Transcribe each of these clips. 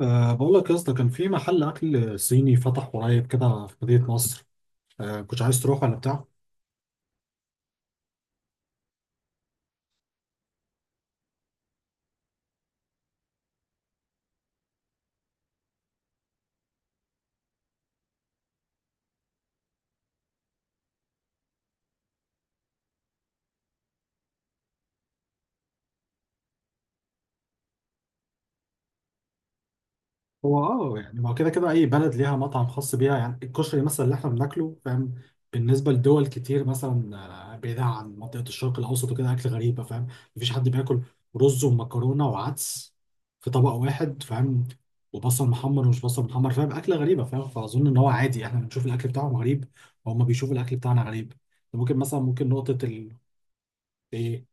بقول لك يا اسطى، كان في محل اكل صيني فتح قريب كده في مدينة نصر. كنت عايز تروح ولا بتاع؟ هو يعني ما هو كده كده، اي بلد ليها مطعم خاص بيها. يعني الكشري مثلا اللي احنا بناكله، فاهم؟ بالنسبة لدول كتير مثلا بعيدة عن منطقة الشرق الاوسط وكده، اكل غريبة، فاهم؟ مفيش حد بياكل رز ومكرونة وعدس في طبق واحد، فاهم؟ وبصل محمر ومش بصل محمر، فاهم؟ اكلة غريبة، فاهم؟ فاظن ان هو عادي، احنا بنشوف الاكل بتاعهم غريب وهم بيشوفوا الاكل بتاعنا غريب. ممكن مثلا ممكن نقطة ال إيه،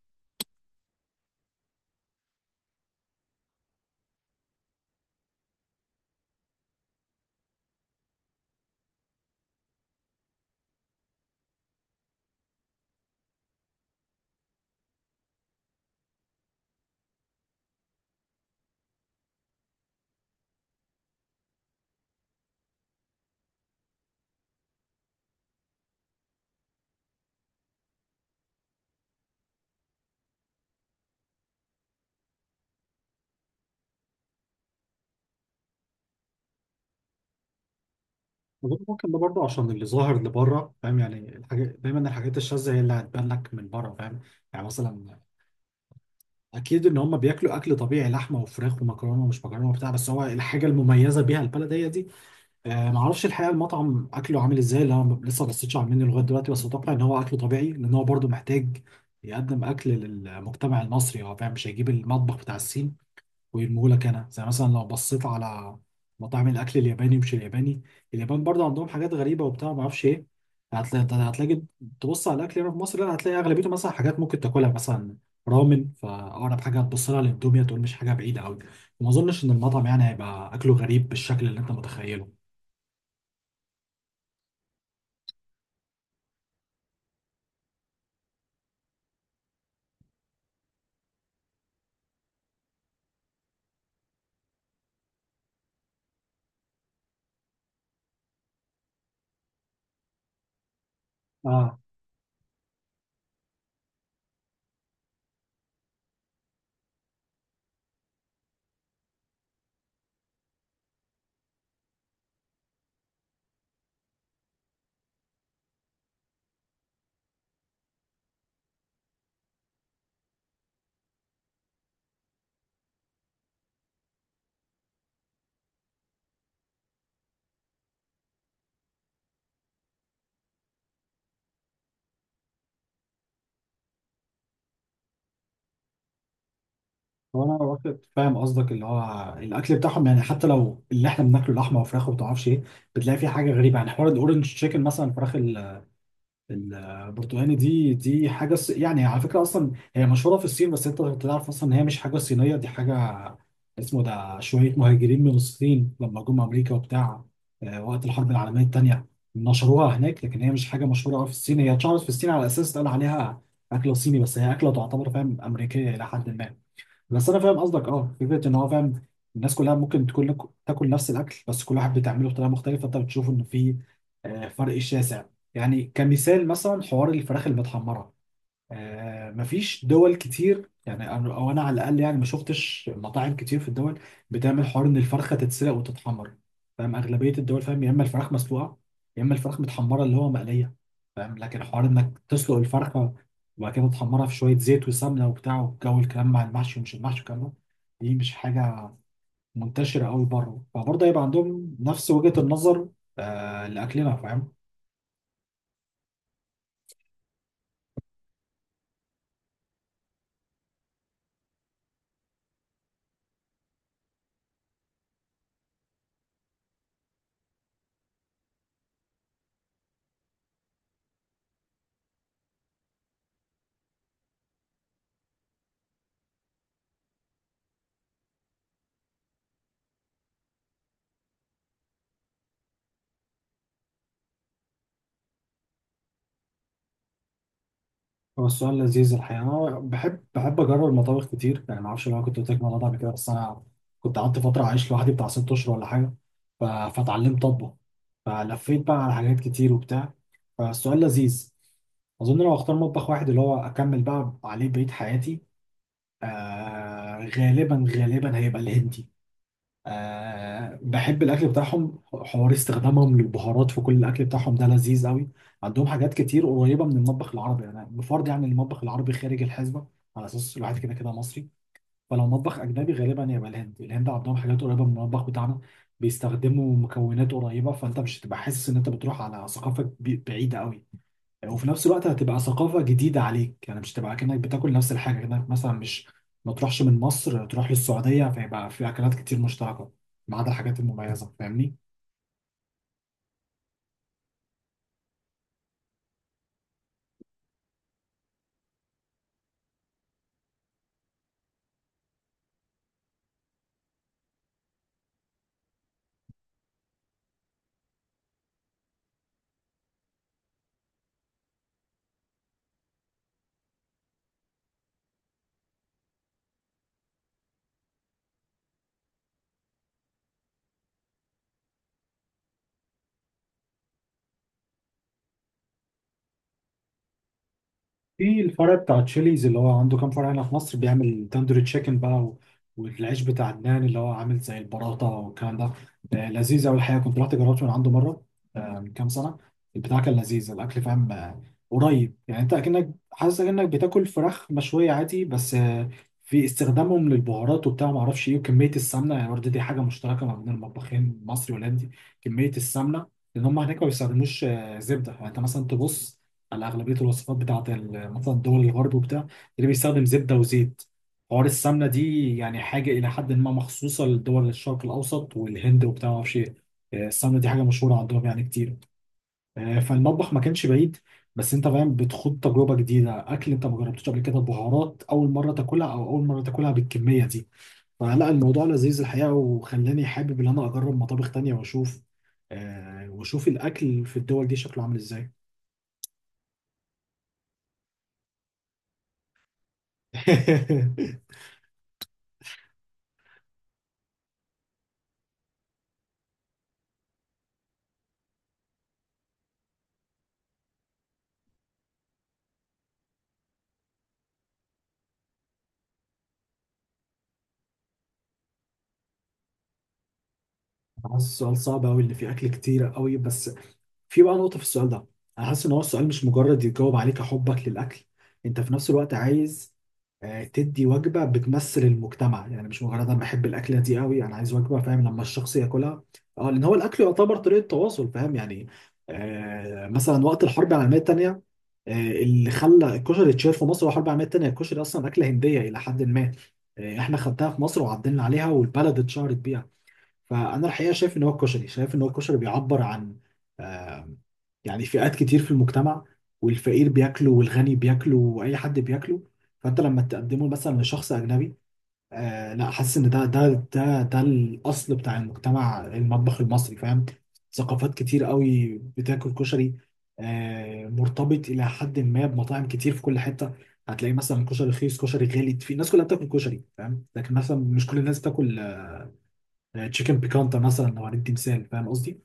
أظن ممكن ده برضه عشان اللي ظاهر اللي بره، فاهم؟ يعني الحاجات، دايما الحاجات الشاذة هي اللي هتبان لك من بره، فاهم؟ يعني مثلا أكيد إن هم بياكلوا أكل طبيعي، لحمة وفراخ ومكرونة ومش مكرونة وبتاع، بس هو الحاجة المميزة بيها البلد هي دي. معرفش الحقيقة المطعم أكله عامل إزاي، اللي أنا لسه ما بصيتش على المنيو لغاية دلوقتي، بس أتوقع إن هو أكله طبيعي، لأن هو برضه محتاج يقدم أكل للمجتمع المصري. هو فاهم، مش هيجيب المطبخ بتاع الصين ويرموهولك. انا زي مثلا لو بصيت على مطاعم الاكل الياباني، مش الياباني، اليابان برضه عندهم حاجات غريبه وبتاع، ما اعرفش ايه. هتلاقي هتلاقي تبص على الاكل هنا في مصر، لا هتلاقي اغلبيته مثلا حاجات ممكن تاكلها، مثلا رامن، فاقرب حاجه هتبص لها للاندوميا، تقول مش حاجه بعيده قوي. وما اظنش ان المطعم يعني هيبقى اكله غريب بالشكل اللي انت متخيله. اه هو انا واخد، فاهم قصدك، اللي هو الاكل بتاعهم يعني حتى لو اللي احنا بناكله لحمه وفراخ وما تعرفش ايه، بتلاقي فيه حاجه غريبه. يعني حوار الاورنج تشيكن مثلا، الفراخ البرتقاني دي يعني على فكرة أصلا هي مشهورة في الصين، بس أنت تعرف أصلا إن هي مش حاجة صينية، دي حاجة اسمه ده شوية مهاجرين من الصين لما جم أمريكا وبتاع وقت الحرب العالمية التانية نشروها هناك. لكن هي مش حاجة مشهورة أوي في الصين، هي اتشهرت في الصين على أساس اتقال عليها أكلة صيني، بس هي أكلة تعتبر فاهم أمريكية إلى حد ما. بس انا فاهم قصدك، فكره ان هو فاهم الناس كلها ممكن تكون لك تاكل نفس الاكل، بس كل واحد بتعمله بطريقه مختلفه، فانت بتشوف ان في فرق شاسع. يعني كمثال مثلا حوار الفراخ المتحمره، مفيش دول كتير يعني، أنا- او انا على الاقل يعني ما شفتش مطاعم كتير في الدول بتعمل حوار ان الفرخه تتسلق وتتحمر، فاهم؟ اغلبيه الدول فاهم، يا اما الفراخ مسلوقه يا اما الفراخ متحمره اللي هو مقليه، فاهم؟ لكن حوار انك تسلق الفرخه وبعد كده تحمرها في شويه زيت وسمنه وبتاع والجو الكلام، مع المحشي ومش المحشي والكلام ده، دي مش حاجه منتشره قوي بره. فبرضه هيبقى عندهم نفس وجهه النظر لاكلنا، فاهم؟ هو السؤال لذيذ الحقيقة، أنا بحب أجرب المطابخ كتير، يعني ما أعرفش لو أنا كنت قلت لك الموضوع ده قبل كده، بس أنا كنت قعدت فترة عايش لوحدي بتاع 6 أشهر ولا حاجة، فاتعلمت أطبخ، فلفيت بقى على حاجات كتير وبتاع. فالسؤال لذيذ، أظن لو أختار مطبخ واحد اللي هو أكمل بقى عليه بقية حياتي، غالبا غالبا هيبقى الهندي. بحب الاكل بتاعهم، حوار استخدامهم للبهارات في كل الاكل بتاعهم ده لذيذ قوي. عندهم حاجات كتير قريبه من المطبخ العربي، انا بفرض يعني المطبخ العربي خارج الحسبه على اساس الواحد كده كده مصري. فلو مطبخ اجنبي غالبا يبقى الهند، الهند عندهم حاجات قريبه من المطبخ بتاعنا، بيستخدموا مكونات قريبه، فانت مش هتبقى حاسس ان انت بتروح على ثقافه بعيده قوي، وفي نفس الوقت هتبقى ثقافة جديدة عليك. يعني مش هتبقى كأنك بتاكل نفس الحاجة، كأنك مثلا مش ما تروحش من مصر تروح للسعودية، فيبقى في أكلات كتير مشتركة ما عدا الحاجات المميزة، فاهمني؟ في الفرع بتاع تشيليز اللي هو عنده كام فرع هنا في مصر، بيعمل تندوري تشيكن بقى و... والعيش بتاع عدنان اللي هو عامل زي البراطة والكلام ده، لذيذ أوي الحقيقة. كنت رحت جربت من عنده مرة من كام سنة، البتاع كان لذيذ الأكل، فاهم؟ قريب يعني، أنت أكنك حاسس أكنك بتاكل فراخ مشوية عادي، بس في استخدامهم للبهارات وبتاع معرفش إيه وكمية السمنة، يعني برضه دي حاجة مشتركة ما بين المطبخين المصري والهولندي، كمية السمنة. لأن هم هناك ما بيستخدموش زبدة. يعني أنت مثلا تبص على اغلبيه الوصفات بتاعت ال- مثلا دول الغرب وبتاع، اللي بيستخدم زبده وزيت. حوار السمنه دي يعني حاجه الى حد ما مخصوصه لدول الشرق الاوسط والهند وبتاع، ما اعرفش ايه. السمنه دي حاجه مشهوره عندهم يعني كتير. فالمطبخ ما كانش بعيد، بس انت فاهم بتخوض تجربه جديده، اكل انت ما جربتوش قبل كده، بهارات اول مره تاكلها او اول مره تاكلها بالكميه دي. فلا الموضوع لذيذ الحقيقه، وخلاني حابب ان انا اجرب مطابخ تانية واشوف واشوف الاكل في الدول دي شكله عامل ازاي. حاسس السؤال صعب قوي اللي فيه اكل كتير قوي، بس في بقى نقطه في السؤال ده، انا حاسس ان هو السؤال مش مجرد يجاوب عليك حبك للاكل، انت في نفس الوقت عايز تدي وجبه بتمثل المجتمع، يعني مش مجرد انا بحب الاكله دي قوي، انا عايز وجبه فاهم لما الشخص ياكلها اه، لان هو الاكل يعتبر طريقه تواصل، فاهم يعني؟ مثلا وقت الحرب العالميه الثانيه اللي خلى الكشري يتشهر في مصر هو الحرب العالميه الثانيه. الكشري اصلا اكله هنديه الى حد ما، احنا خدناها في مصر وعدلنا عليها والبلد اتشهرت بيها. فانا الحقيقه شايف ان هو الكشري، بيعبر عن آم، يعني فئات كتير في المجتمع، والفقير بياكله والغني بياكله واي حد بياكله. فانت لما تقدمه مثلا لشخص اجنبي لا، حاسس ان ده الاصل بتاع المجتمع المطبخ المصري، فاهم؟ ثقافات كتير قوي بتاكل كشري، مرتبط الى حد ما بمطاعم كتير في كل حته، هتلاقي مثلا كشري رخيص كشري غالي، في الناس كلها بتاكل كشري، فاهم؟ لكن مثلا مش كل الناس بتاكل تشيكن بيكانتا مثلا لو هندي مثال، فاهم قصدي؟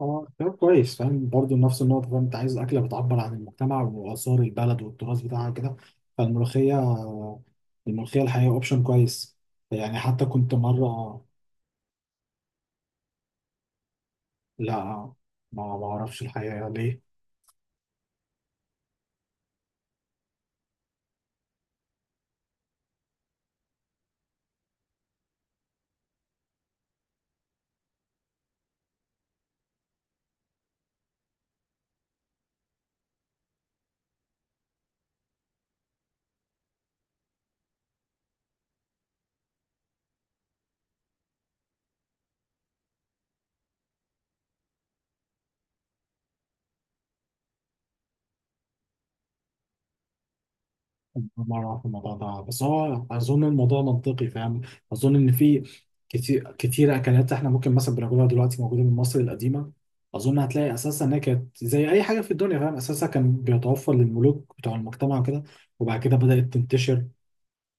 اه اختيار كويس، فاهم برضه نفس النقطة، فاهم انت عايز أكلة بتعبر عن المجتمع وآثار البلد والتراث بتاعها كده. فالملوخية، الملوخية الحقيقة أوبشن كويس، يعني حتى كنت مرة. لا، ما أعرفش الحقيقة ليه. الله يعرف في الموضوع ده، بس هو اظن الموضوع منطقي، فاهم؟ اظن ان في كتير كتير اكلات احنا ممكن مثلا بناكلها دلوقتي موجوده من مصر القديمه. اظن هتلاقي اساسا انها كانت زي اي حاجه في الدنيا، فاهم؟ اساسا كان بيتوفر للملوك بتوع المجتمع وكده، وبعد كده بدات تنتشر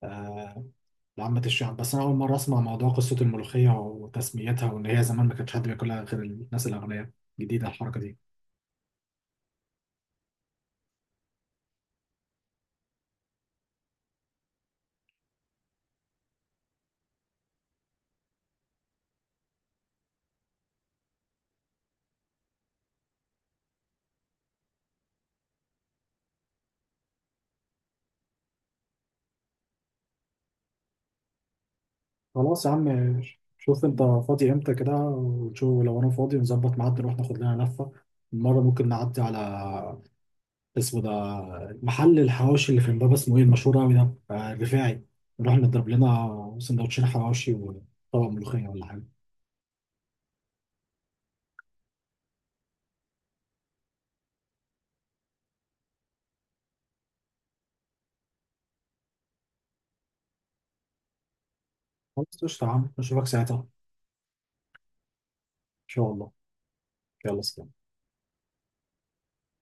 آه، لعامه الشعب. بس انا اول مره اسمع موضوع قصه الملوخيه وتسميتها، وان هي زمان ما كانش حد بياكلها غير الناس الاغنياء، جديده الحركه دي. خلاص يا عم، شوف انت فاضي امتى كده وشوف لو انا فاضي، نظبط ميعاد نروح ناخد لنا لفة. المرة ممكن نعدي على اسمه ده، محل الحواوشي اللي في امبابة، اسمه ايه المشهور قوي ده، الرفاعي. نروح نضرب لنا سندوتشين حواوشي وطبق ملوخية ولا حاجة. خلاص قشطة يا عم، نشوفك ساعتها ان شاء الله. يلا سلام.